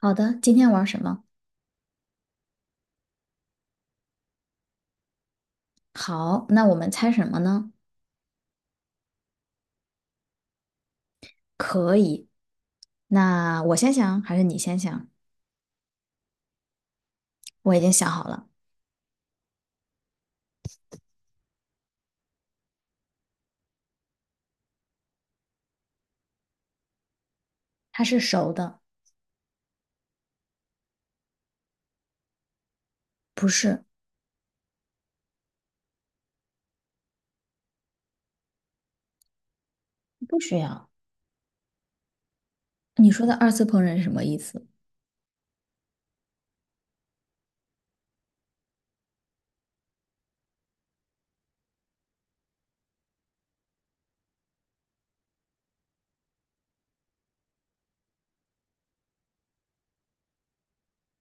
好的，今天玩什么？好，那我们猜什么呢？可以，那我先想还是你先想？我已经想好了，它是熟的，不是，不需要。你说的二次烹饪是什么意思？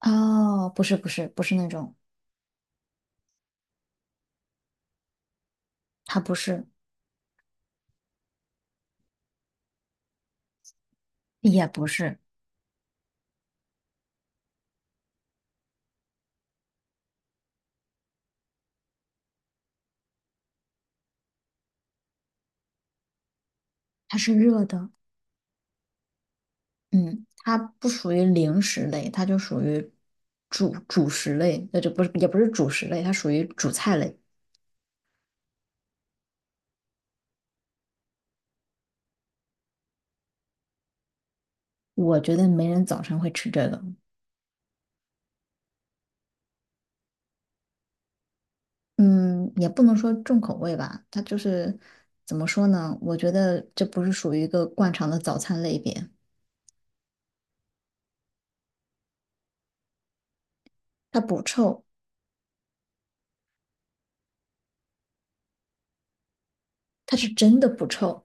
哦，不是，不是，不是那种，它不是，也不是，它是热的。嗯，它不属于零食类，它就属于主食类，那就不是，也不是主食类，它属于主菜类。我觉得没人早晨会吃这个。嗯，也不能说重口味吧，它就是怎么说呢？我觉得这不是属于一个惯常的早餐类别，它不臭，它是真的不臭。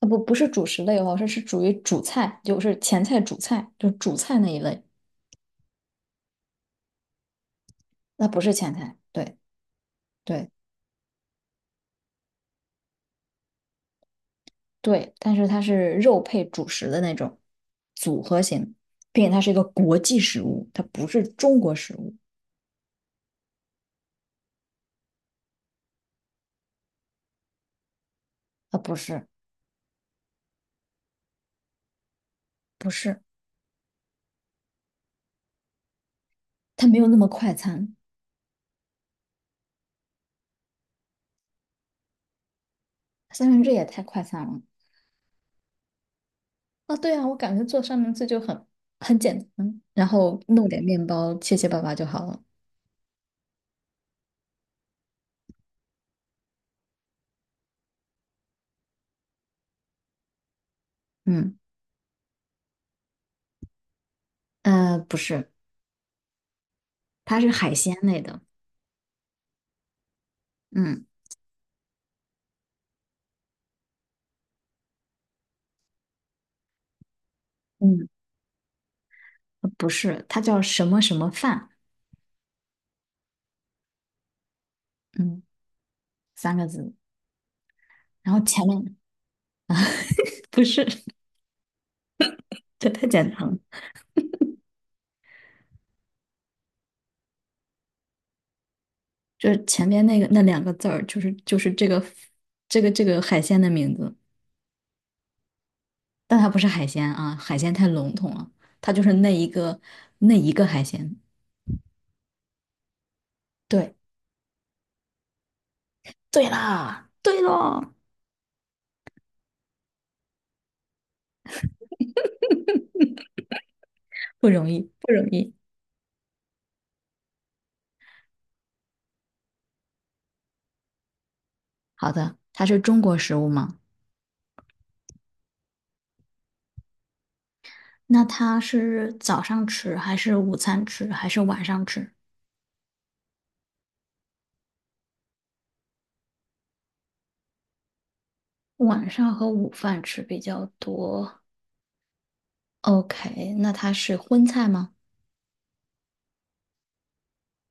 啊不，不是主食类哦，这是属于主菜，就是前菜、主菜，就是主菜那一类，那不是前菜。对对对，但是它是肉配主食的那种组合型，并且它是一个国际食物，它不是中国食物，啊，不是不是，它没有那么快餐，三明治也太快餐了。啊，对啊，我感觉做三明治就很很简单，然后弄点面包，切切巴巴就好了。嗯，不是，它是海鲜类的。嗯，嗯，不是，它叫什么什么饭？嗯，三个字。然后前面 不是，这太简单了，就是前面那个那两个字儿，就是这个这个海鲜的名字，但它不是海鲜啊，海鲜太笼统了，它就是那一个海鲜。对，对啦，对了。不容易，不容易。好的，它是中国食物吗？那它是早上吃，还是午餐吃，还是晚上吃？晚上和午饭吃比较多。OK，那它是荤菜吗？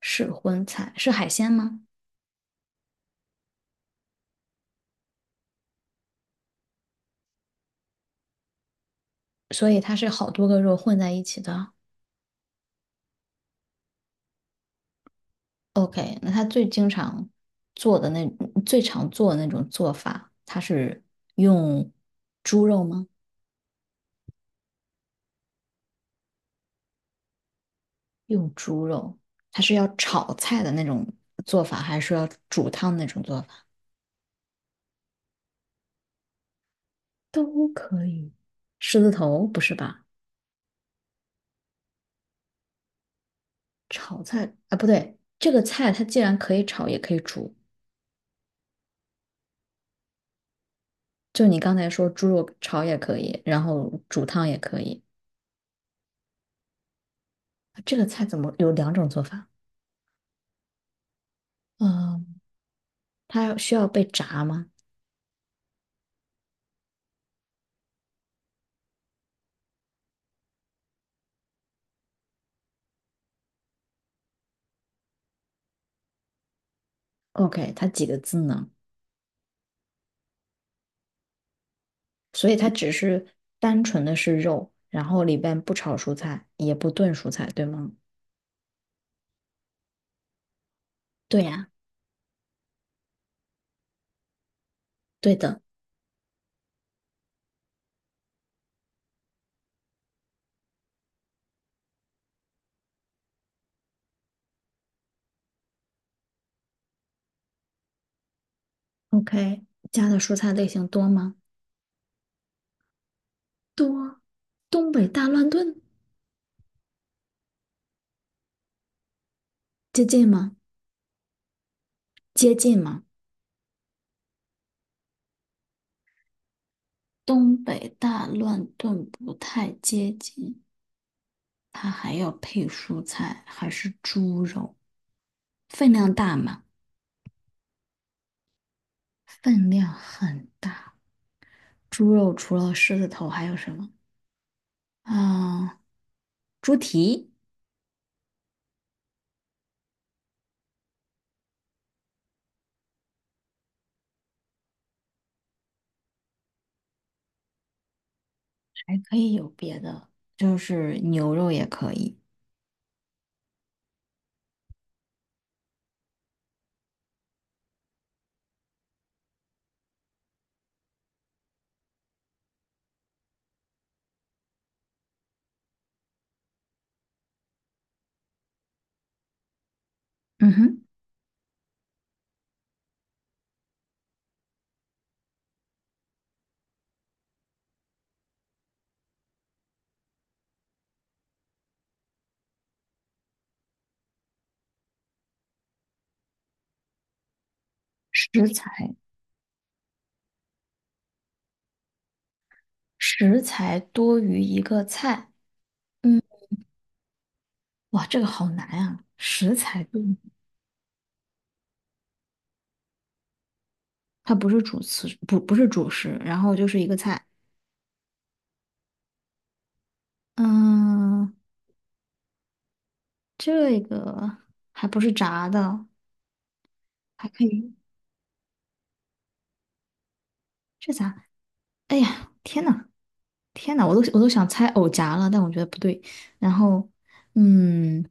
是荤菜，是海鲜吗？所以它是好多个肉混在一起的。OK，那它最经常做的那最常做的那种做法，它是用猪肉吗？用猪肉，它是要炒菜的那种做法，还是要煮汤那种做法？都可以。狮子头不是吧？炒菜啊，不对，这个菜它既然可以炒，也可以煮。就你刚才说猪肉炒也可以，然后煮汤也可以。这个菜怎么有两种做法？嗯，它需要被炸吗？OK，它几个字呢？所以它只是单纯的是肉，然后里边不炒蔬菜，也不炖蔬菜，对吗？对呀，对的。OK，加的蔬菜类型多吗？多。东北大乱炖接近吗？接近吗？东北大乱炖不太接近，它还要配蔬菜，还是猪肉，分量大吗？分量很大。猪肉除了狮子头还有什么？啊、猪蹄还可以有别的，就是牛肉也可以。嗯哼，食材食材多于一个菜。嗯。哇，这个好难啊！食材炖，它不是主食，不是主食，然后就是一个菜。嗯，这个还不是炸的，还可以，这咋？哎呀，天呐，天呐，我都想猜藕夹了，但我觉得不对。然后，嗯，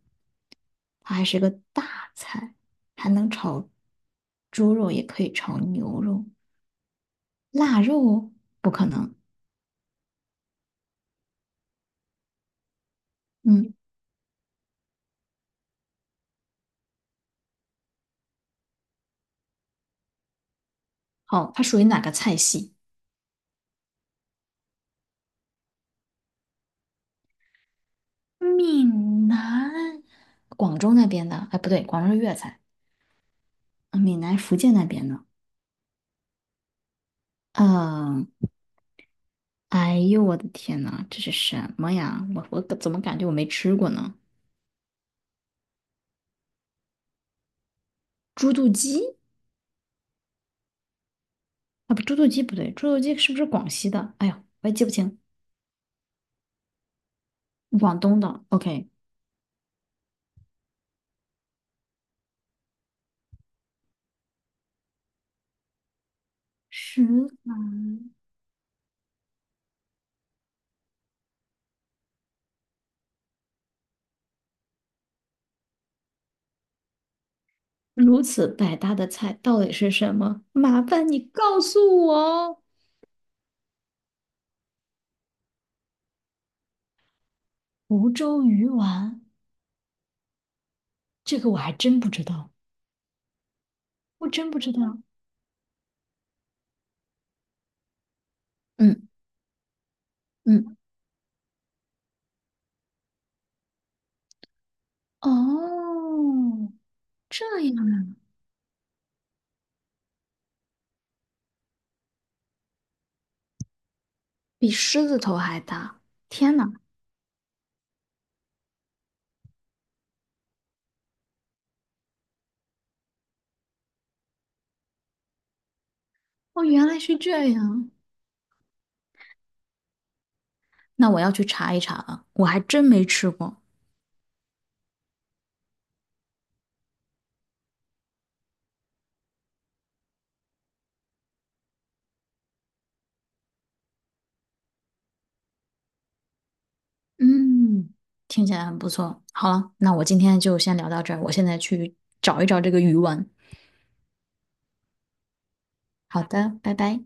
它还是个大菜，还能炒猪肉，也可以炒牛肉，腊肉不可能。嗯，好，它属于哪个菜系？闽南，广州那边的，哎，不对，广州是粤菜，闽南、福建那边的。嗯，哎呦，我的天呐，这是什么呀？我怎么感觉我没吃过呢？猪肚鸡啊，不，猪肚鸡不对，猪肚鸡是不是广西的？哎呦，我也记不清，广东的。OK，十，如此百搭的菜到底是什么？麻烦你告诉我。福州鱼丸，这个我还真不知道，我真不知道。嗯嗯。哦，这样比狮子头还大！天哪，哦，原来是这样。那我要去查一查了，我还真没吃过。嗯，听起来很不错。好了，那我今天就先聊到这儿，我现在去找一找这个鱼丸。好的，拜拜。